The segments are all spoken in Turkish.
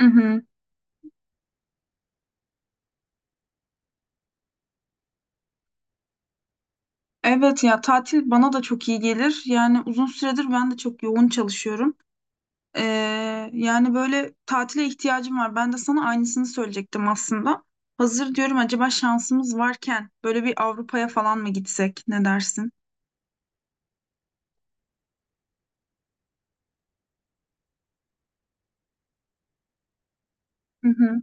Hı hı. Evet ya tatil bana da çok iyi gelir. Yani uzun süredir ben de çok yoğun çalışıyorum. Yani böyle tatile ihtiyacım var. Ben de sana aynısını söyleyecektim aslında. Hazır diyorum acaba şansımız varken böyle bir Avrupa'ya falan mı gitsek? Ne dersin? Hı hı.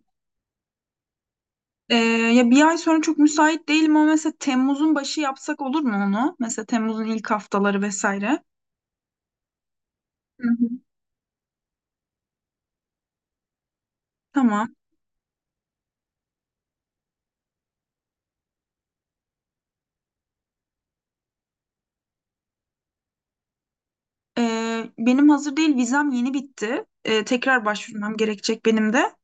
Ee, Ya bir ay sonra çok müsait değilim ama mesela Temmuz'un başı yapsak olur mu onu? Mesela Temmuz'un ilk haftaları vesaire. Hı hı. Tamam. Benim hazır değil, vizem yeni bitti. Tekrar başvurmam gerekecek benim de.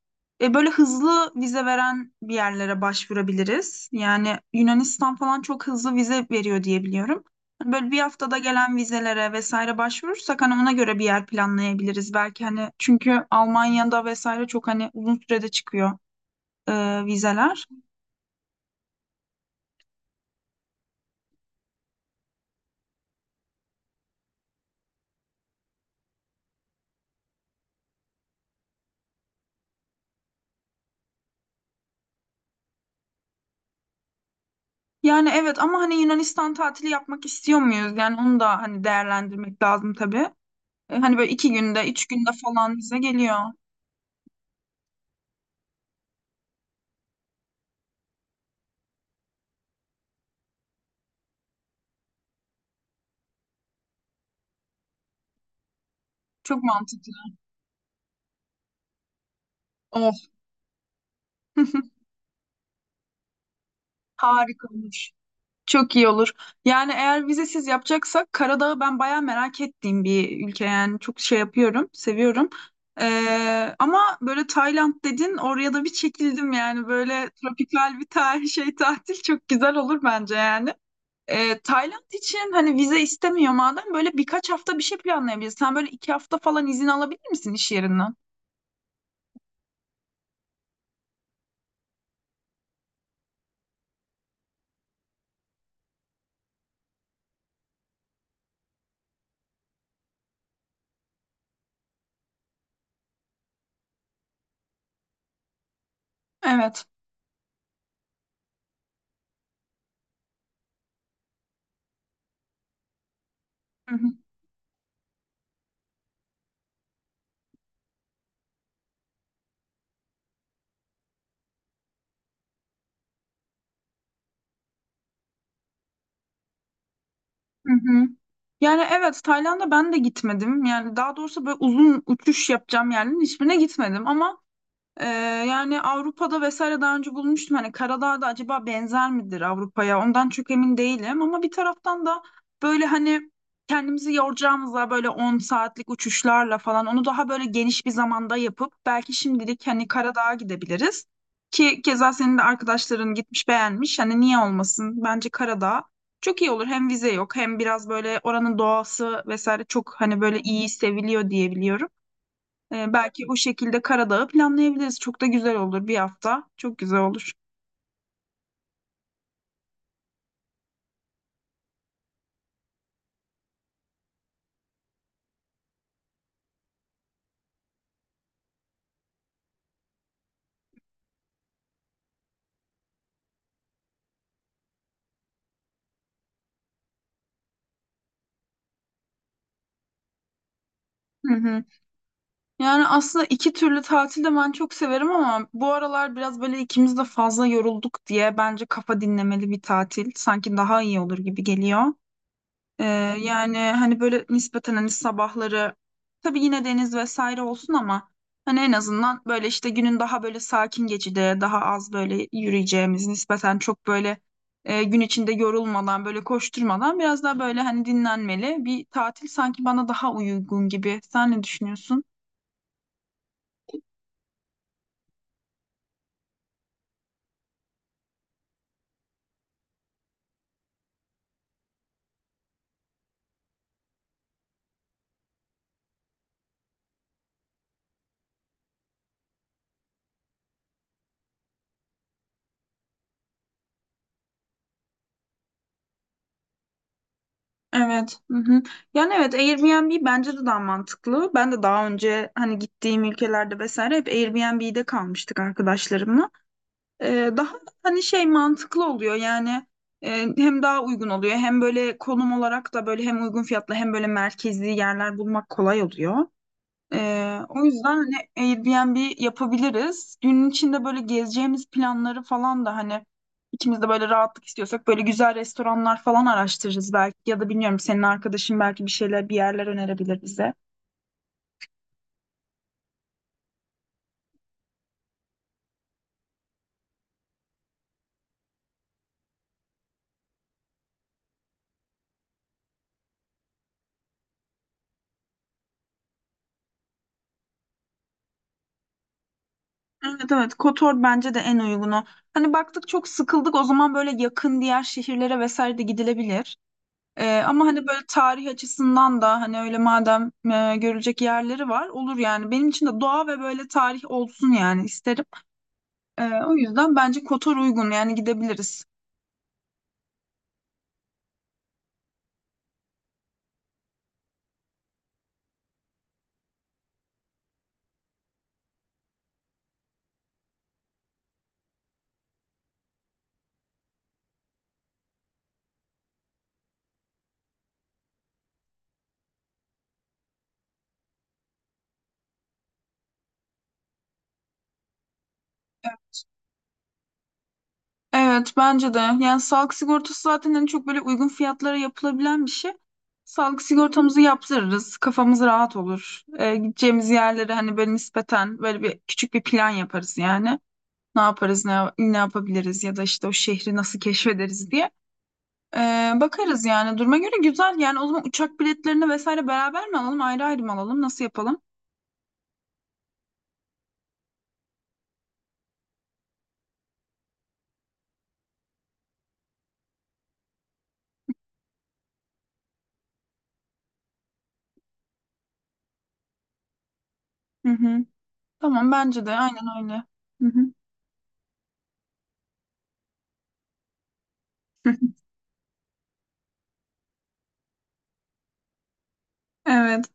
Böyle hızlı vize veren bir yerlere başvurabiliriz. Yani Yunanistan falan çok hızlı vize veriyor diye biliyorum. Hani böyle bir haftada gelen vizelere vesaire başvurursak hani ona göre bir yer planlayabiliriz belki hani, çünkü Almanya'da vesaire çok hani uzun sürede çıkıyor vizeler. Yani evet ama hani Yunanistan tatili yapmak istiyor muyuz? Yani onu da hani değerlendirmek lazım tabii. E, hani böyle iki günde, üç günde falan bize geliyor. Çok mantıklı. Of. Harika olmuş. Çok iyi olur. Yani eğer vizesiz yapacaksak Karadağ'ı ben bayağı merak ettiğim bir ülke, yani çok şey yapıyorum, seviyorum. Ama böyle Tayland dedin, oraya da bir çekildim yani, böyle tropikal bir tarih şey, tatil çok güzel olur bence yani. Tayland için hani vize istemiyor madem, böyle birkaç hafta bir şey planlayabiliriz. Sen böyle 2 hafta falan izin alabilir misin iş yerinden? Evet. Hı hı. Hı hı. Yani evet, Tayland'a ben de gitmedim. Yani daha doğrusu böyle uzun uçuş yapacağım yerlerin hiçbirine gitmedim ama Ee, yani Avrupa'da vesaire daha önce bulmuştum. Hani Karadağ'da acaba benzer midir Avrupa'ya? Ondan çok emin değilim. Ama bir taraftan da böyle hani kendimizi yoracağımızla böyle 10 saatlik uçuşlarla falan, onu daha böyle geniş bir zamanda yapıp belki şimdilik hani Karadağ'a gidebiliriz. Ki keza senin de arkadaşların gitmiş beğenmiş. Hani niye olmasın? Bence Karadağ çok iyi olur. Hem vize yok hem biraz böyle oranın doğası vesaire çok hani böyle iyi seviliyor diye biliyorum. Belki o şekilde Karadağ'ı planlayabiliriz. Çok da güzel olur 1 hafta. Çok güzel olur. Hı hı. Yani aslında iki türlü tatil de ben çok severim ama bu aralar biraz böyle ikimiz de fazla yorulduk diye bence kafa dinlemeli bir tatil sanki daha iyi olur gibi geliyor. Ee, Yani hani böyle nispeten hani sabahları tabii yine deniz vesaire olsun ama hani en azından böyle işte günün daha böyle sakin geçide daha az böyle yürüyeceğimiz nispeten çok böyle gün içinde yorulmadan böyle koşturmadan biraz daha böyle hani dinlenmeli bir tatil sanki bana daha uygun gibi. Sen ne düşünüyorsun? Evet. Hı hı. Yani evet, Airbnb bence de daha mantıklı. Ben de daha önce hani gittiğim ülkelerde vesaire hep Airbnb'de kalmıştık arkadaşlarımla. Daha hani şey mantıklı oluyor yani, e, hem daha uygun oluyor hem böyle konum olarak da böyle hem uygun fiyatlı hem böyle merkezi yerler bulmak kolay oluyor. O yüzden hani Airbnb yapabiliriz. Günün içinde böyle gezeceğimiz planları falan da hani ikimiz de böyle rahatlık istiyorsak böyle güzel restoranlar falan araştırırız belki, ya da bilmiyorum, senin arkadaşın belki bir şeyler, bir yerler önerebilir bize. Evet, evet, Kotor bence de en uygunu. Hani baktık çok sıkıldık o zaman böyle yakın diğer şehirlere vesaire de gidilebilir. Ama hani böyle tarih açısından da hani öyle madem görülecek yerleri var, olur yani. Benim için de doğa ve böyle tarih olsun yani, isterim. O yüzden bence Kotor uygun, yani gidebiliriz. Evet bence de. Yani sağlık sigortası zaten en çok böyle uygun fiyatlara yapılabilen bir şey. Sağlık sigortamızı yaptırırız. Kafamız rahat olur. Gideceğimiz yerlere hani böyle nispeten böyle bir küçük bir plan yaparız yani. Ne yaparız, ne yapabiliriz ya da işte o şehri nasıl keşfederiz diye. Bakarız yani duruma göre, güzel. Yani o zaman uçak biletlerini vesaire beraber mi alalım, ayrı ayrı mı alalım, nasıl yapalım? Hı hı. Tamam, bence de aynen öyle. Hı hı. Evet.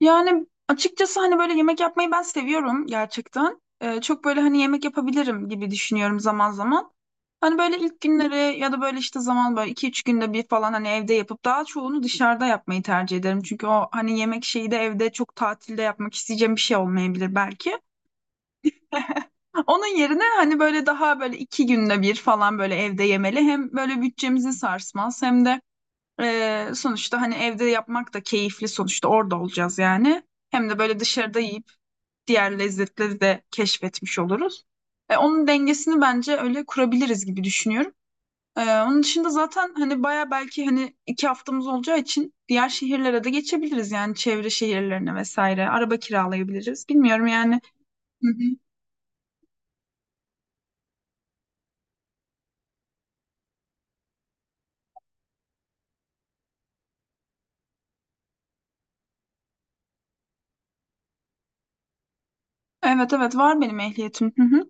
Yani açıkçası hani böyle yemek yapmayı ben seviyorum gerçekten. Çok böyle hani yemek yapabilirim gibi düşünüyorum zaman zaman. Hani böyle ilk günleri ya da böyle işte zaman böyle iki üç günde bir falan hani evde yapıp daha çoğunu dışarıda yapmayı tercih ederim. Çünkü o hani yemek şeyi de evde çok tatilde yapmak isteyeceğim bir şey olmayabilir belki. Onun yerine hani böyle daha böyle 2 günde bir falan böyle evde yemeli. Hem böyle bütçemizi sarsmaz hem de sonuçta hani evde yapmak da keyifli, sonuçta orada olacağız yani. Hem de böyle dışarıda yiyip diğer lezzetleri de keşfetmiş oluruz. E, onun dengesini bence öyle kurabiliriz gibi düşünüyorum. E, onun dışında zaten hani baya belki hani 2 haftamız olacağı için diğer şehirlere de geçebiliriz yani, çevre şehirlerine vesaire. Araba kiralayabiliriz. Bilmiyorum yani. Hı hı. Evet, evet, var benim ehliyetim. Hı hı.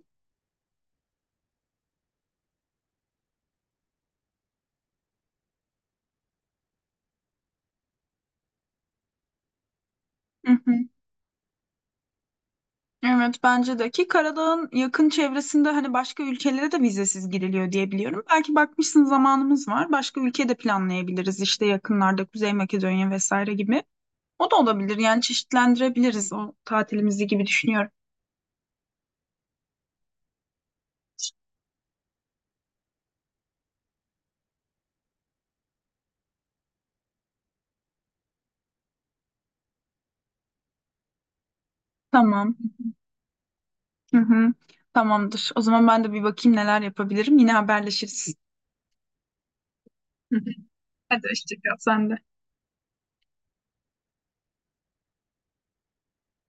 Hı hı. Evet bence de, ki Karadağ'ın yakın çevresinde hani başka ülkelere de vizesiz giriliyor diye biliyorum. Belki bakmışsın zamanımız var. Başka ülke de planlayabiliriz işte yakınlarda, Kuzey Makedonya vesaire gibi. O da olabilir yani, çeşitlendirebiliriz o tatilimizi gibi düşünüyorum. Tamam. Hı hı. Tamamdır. O zaman ben de bir bakayım neler yapabilirim. Yine haberleşiriz. Hadi hoşça kal sen de.